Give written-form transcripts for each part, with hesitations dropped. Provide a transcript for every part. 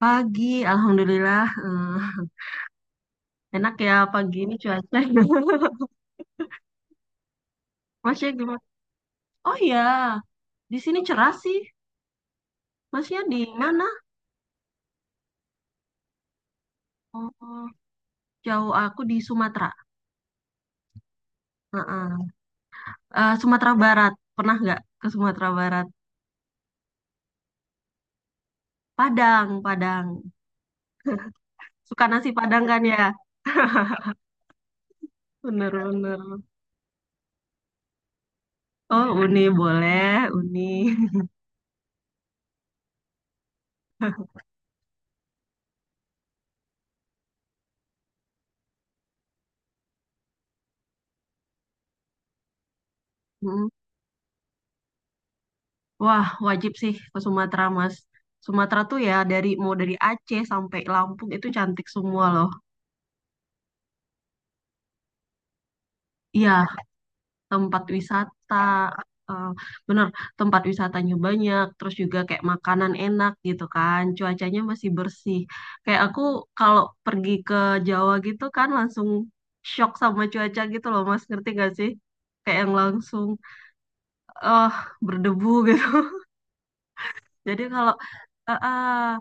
Pagi, alhamdulillah. Enak ya pagi ini cuaca. Masnya gimana? Oh iya, di sini cerah sih. Masnya di mana? Oh, jauh aku di Sumatera. Heeh. Eh, Sumatera Barat. Pernah nggak ke Sumatera Barat? Padang, Padang. Suka nasi Padang kan ya? Bener-bener. Oh, Uni boleh, Uni. Mm. Wah, wajib sih ke Sumatera, Mas. Sumatera tuh ya dari mau dari Aceh sampai Lampung itu cantik semua loh. Iya, tempat wisata, eh, bener, tempat wisatanya banyak, terus juga kayak makanan enak gitu kan, cuacanya masih bersih. Kayak aku kalau pergi ke Jawa gitu kan langsung shock sama cuaca gitu loh Mas, ngerti gak sih, kayak yang langsung eh berdebu gitu. Jadi kalau eh, eh,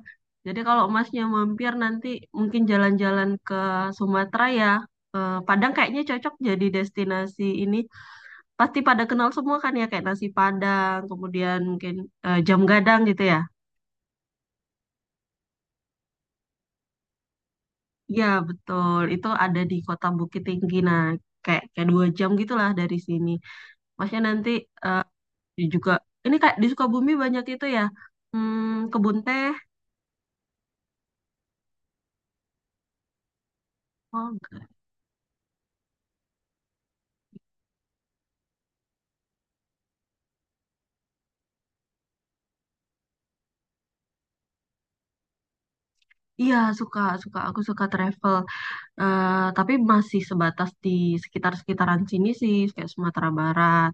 jadi kalau Masnya mampir nanti mungkin jalan-jalan ke Sumatera ya, Padang kayaknya cocok jadi destinasi ini. Pasti pada kenal semua kan ya, kayak nasi Padang, kemudian mungkin jam gadang gitu ya. Iya betul, itu ada di Kota Bukit Tinggi. Nah, kayak kayak 2 jam gitulah dari sini. Masnya nanti eh, juga ini kayak di Sukabumi banyak itu ya. Hmm, kebun teh. Oh, enggak. Iya, suka, suka, aku suka travel. Eh, tapi masih sebatas di sekitar-sekitaran sini sih, kayak Sumatera Barat.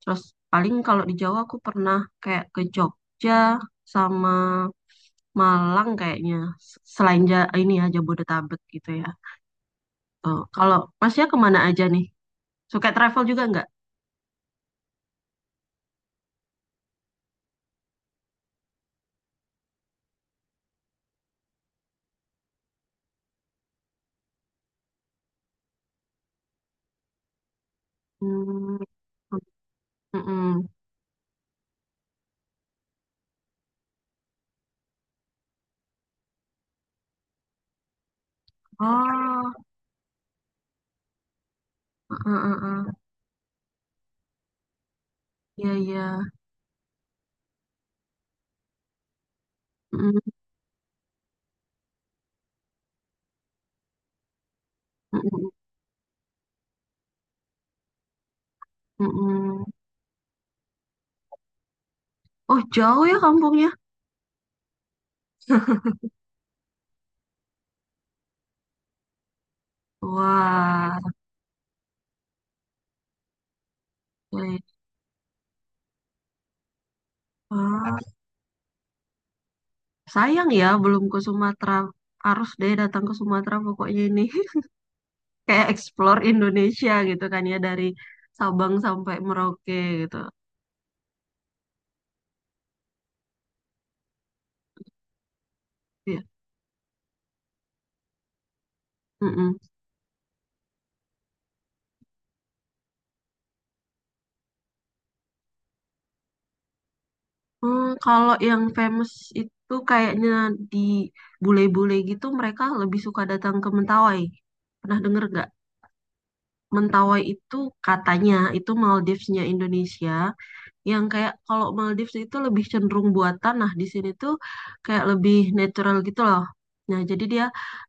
Terus paling kalau di Jawa aku pernah kayak ke Jogja sama Malang kayaknya. Selain ini ya Jabodetabek gitu ya. Oh, kalau Masnya kemana aja nih? Suka travel juga nggak? Hmm, mm-mm. Oh, heeh, heeh. Iya iya. Mm-mm, mm-mm. Oh, jauh ya kampungnya? Wah, baik. Ah, sayang ya belum ke Sumatera. Harus deh datang ke Sumatera pokoknya ini. Kayak explore Indonesia gitu kan ya, dari Sabang sampai Merauke gitu. Iya. Hmm, kalau yang famous itu kayaknya di bule-bule gitu, mereka lebih suka datang ke Mentawai. Pernah denger gak? Mentawai itu katanya itu Maldivesnya Indonesia. Yang kayak kalau Maldives itu lebih cenderung buatan. Nah di sini tuh kayak lebih natural gitu loh. Nah jadi dia,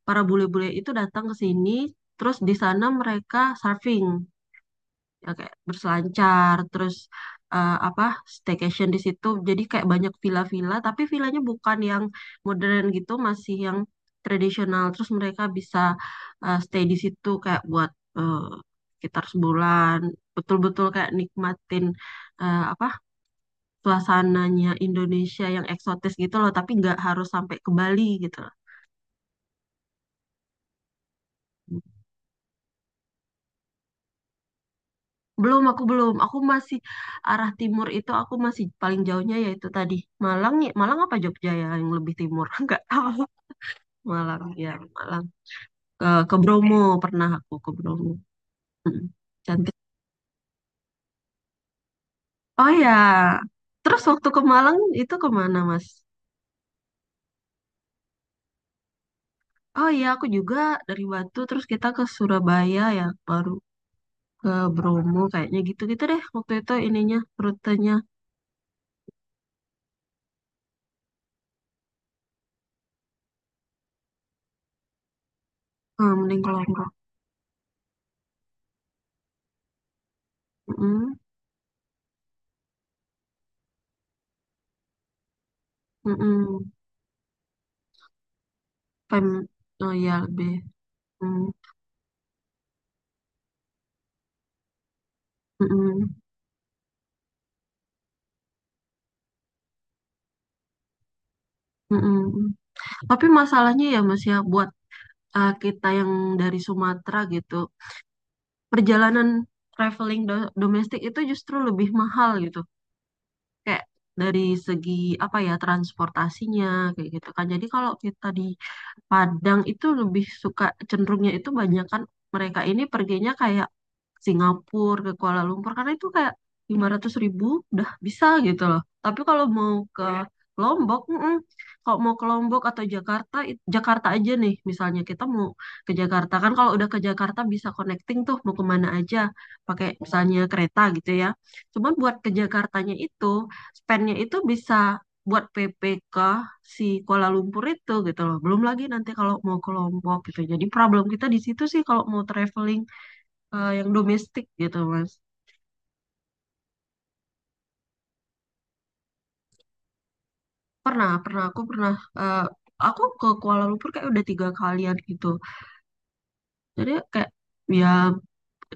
para bule-bule itu datang ke sini. Terus di sana mereka surfing, ya kayak berselancar, terus eh, apa staycation di situ, jadi kayak banyak villa-villa tapi villanya bukan yang modern gitu, masih yang tradisional. Terus mereka bisa stay di situ kayak buat eh, sekitar sebulan, betul-betul kayak nikmatin eh, apa suasananya Indonesia yang eksotis gitu loh, tapi nggak harus sampai ke Bali gitu loh. Belum, aku belum. Aku masih arah timur itu, aku masih paling jauhnya yaitu tadi Malang ya. Malang apa Jogja ya yang lebih timur? Enggak tahu. Malang ya, Malang. Ke Bromo, pernah aku ke Bromo. Mm, cantik. Oh ya. Terus waktu ke Malang itu kemana Mas? Oh iya, aku juga dari Batu, terus kita ke Surabaya ya, baru ke Bromo kayaknya. Gitu-gitu deh waktu itu ininya, rutenya. Hmm, mending kalau Mm -mm. Mm -mm. Pem- Oh iya lebih. Hmm. Mm-mm, mm-mm. Tapi masalahnya ya Mas ya, buat kita yang dari Sumatera gitu, perjalanan traveling domestik itu justru lebih mahal gitu. Kayak dari segi apa ya, transportasinya kayak gitu kan. Jadi kalau kita di Padang itu lebih suka, cenderungnya itu banyak kan, mereka ini perginya kayak Singapura, ke Kuala Lumpur, karena itu kayak 500 ribu udah bisa gitu loh. Tapi kalau mau ke Ya. Lombok, mm-mm. Kalau mau ke Lombok atau Jakarta, Jakarta aja nih misalnya, kita mau ke Jakarta kan, kalau udah ke Jakarta bisa connecting tuh mau kemana aja pakai misalnya kereta gitu ya. Cuman buat ke Jakartanya itu spendnya itu bisa buat PP si Kuala Lumpur itu gitu loh. Belum lagi nanti kalau mau ke Lombok gitu. Jadi problem kita di situ sih kalau mau traveling yang domestik gitu Mas. Pernah, pernah, aku pernah eh, aku ke Kuala Lumpur kayak udah tiga kalian gitu. Jadi kayak ya,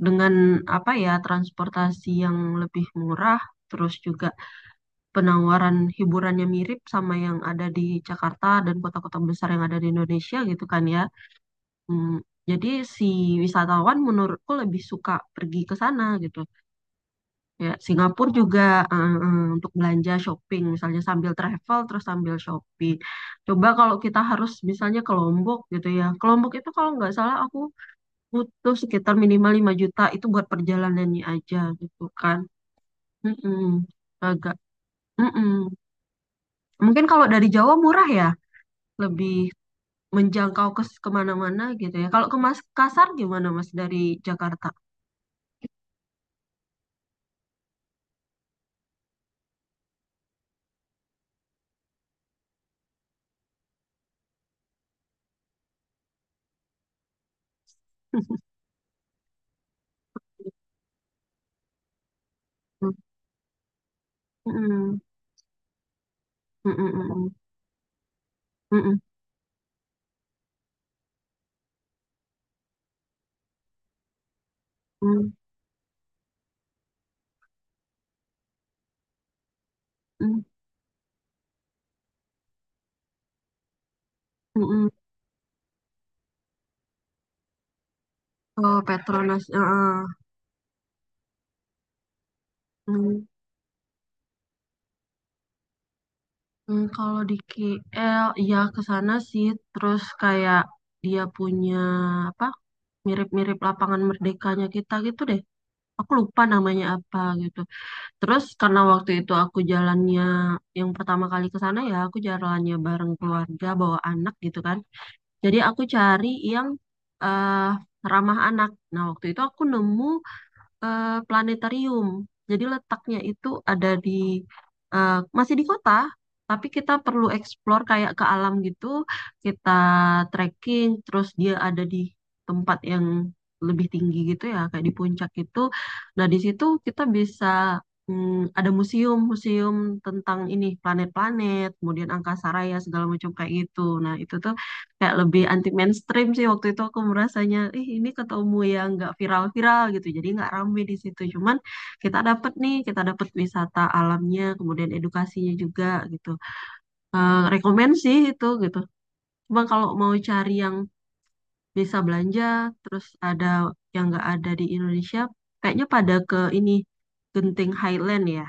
dengan apa ya, transportasi yang lebih murah, terus juga penawaran hiburannya mirip sama yang ada di Jakarta dan kota-kota besar yang ada di Indonesia gitu kan ya. Hmm, jadi si wisatawan menurutku lebih suka pergi ke sana gitu. Ya, Singapura juga untuk belanja shopping, misalnya sambil travel terus sambil shopping. Coba kalau kita harus misalnya ke Lombok gitu ya. Ke Lombok itu kalau nggak salah aku butuh sekitar minimal 5 juta itu buat perjalanannya aja gitu kan. Mm-mm, agak. Mm-mm. Mungkin kalau dari Jawa murah ya, lebih menjangkau ke kemana-mana gitu ya. Kalau ke Mas Kasar gimana Mas, dari Jakarta? Mm-mm. Mm-mm, mm-mm, mm-mm, mm-mm, mm-mm. Oh, Petronas. Heeh. Mm, mm, kalau di KL, ya ke sana sih. Terus kayak dia punya apa? Mirip-mirip lapangan merdekanya kita gitu deh. Aku lupa namanya apa gitu. Terus karena waktu itu aku jalannya yang pertama kali ke sana ya, aku jalannya bareng keluarga bawa anak gitu kan. Jadi aku cari yang eh ramah anak. Nah, waktu itu aku nemu planetarium. Jadi letaknya itu ada di eh, masih di kota, tapi kita perlu explore kayak ke alam gitu. Kita trekking, terus dia ada di tempat yang lebih tinggi gitu ya, kayak di puncak itu. Nah, di situ kita bisa ada museum-museum tentang ini planet-planet, kemudian angkasa raya segala macam kayak gitu. Nah, itu tuh kayak lebih anti mainstream sih, waktu itu aku merasanya ih ini ketemu yang nggak viral-viral gitu, jadi nggak rame di situ. Cuman kita dapet nih, kita dapet wisata alamnya, kemudian edukasinya juga gitu. Eh, rekomen sih itu gitu, cuma kalau mau cari yang bisa belanja terus ada yang nggak ada di Indonesia, kayaknya pada ke ini Genting Highland ya,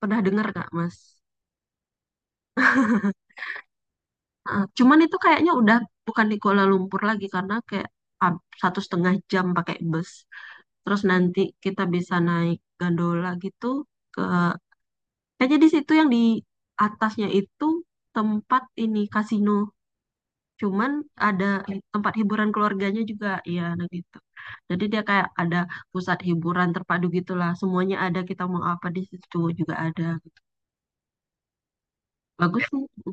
pernah dengar nggak Mas? Heeh. Cuman itu kayaknya udah bukan di Kuala Lumpur lagi, karena kayak 1,5 jam pakai bus. Terus nanti kita bisa naik gondola gitu ke jadi situ yang di atasnya itu tempat ini kasino. Cuman ada tempat hiburan keluarganya juga, ya, nah gitu. Jadi dia kayak ada pusat hiburan terpadu gitulah. Semuanya ada, kita mau apa di situ juga ada. Bagus sih.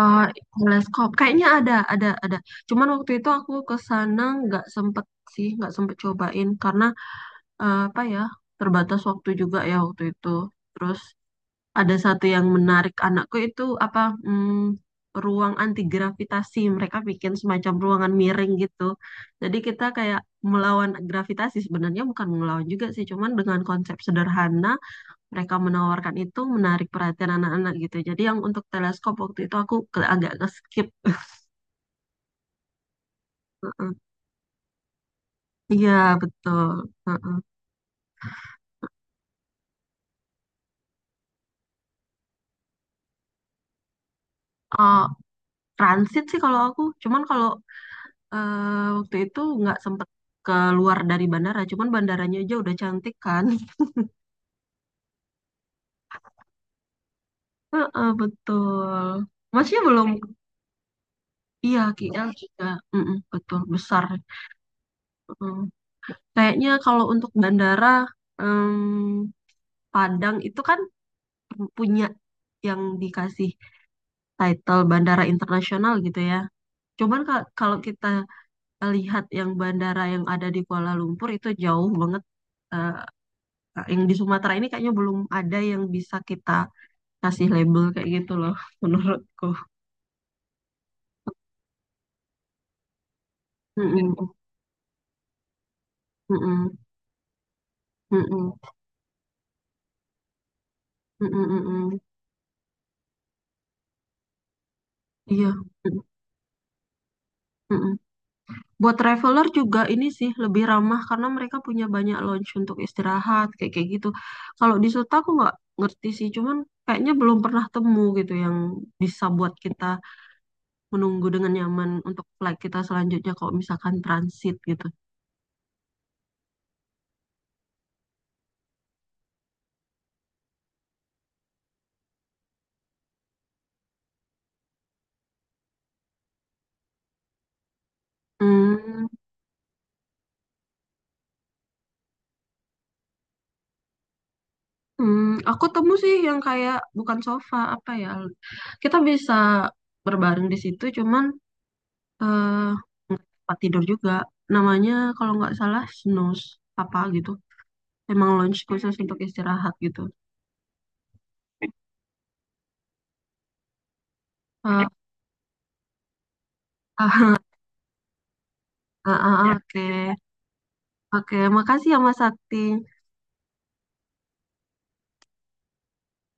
Eh, teleskop kayaknya ada, ada. Cuman waktu itu aku ke sana nggak sempet sih, nggak sempet cobain karena eh, apa ya terbatas waktu juga ya waktu itu. Terus ada satu yang menarik anakku itu apa, mm, ruang anti gravitasi. Mereka bikin semacam ruangan miring gitu. Jadi kita kayak melawan gravitasi, sebenarnya bukan melawan juga sih, cuman dengan konsep sederhana mereka menawarkan itu, menarik perhatian anak-anak gitu. Jadi yang untuk teleskop waktu itu aku agak nge-skip. Heeh. Iya, betul. Heeh. Oh, transit sih kalau aku, cuman kalau waktu itu nggak sempet keluar dari bandara, cuman bandaranya aja udah cantik kan. Heeh, betul. Masnya belum, iya KL juga, mm-mm, betul besar. Mm. Kayaknya kalau untuk bandara em, Padang itu kan punya yang dikasih title bandara internasional gitu ya. Cuman kalau kita lihat yang bandara yang ada di Kuala Lumpur itu jauh banget. eh, yang di Sumatera ini kayaknya belum ada yang bisa kita kasih label kayak gitu loh, menurutku. Mm-mm, mm-mm, mm-mm, mm-mm, mm-mm. Iya. Mm, mm-mm. Buat traveler juga ini sih lebih ramah karena mereka punya banyak lounge untuk istirahat kayak kayak gitu. Kalau di Suta aku nggak ngerti sih, cuman kayaknya belum pernah temu gitu yang bisa buat kita menunggu dengan nyaman untuk flight kita selanjutnya kalau misalkan transit gitu. Hmm, hmm, aku temu sih yang kayak bukan sofa apa ya? Kita bisa berbaring di situ, cuman eh tempat tidur juga. Namanya kalau nggak salah snooze apa gitu. Emang lunch khusus untuk istirahat gitu. Ah, ah, ah, ah, oke. Oke, makasih ya Mas Sakti.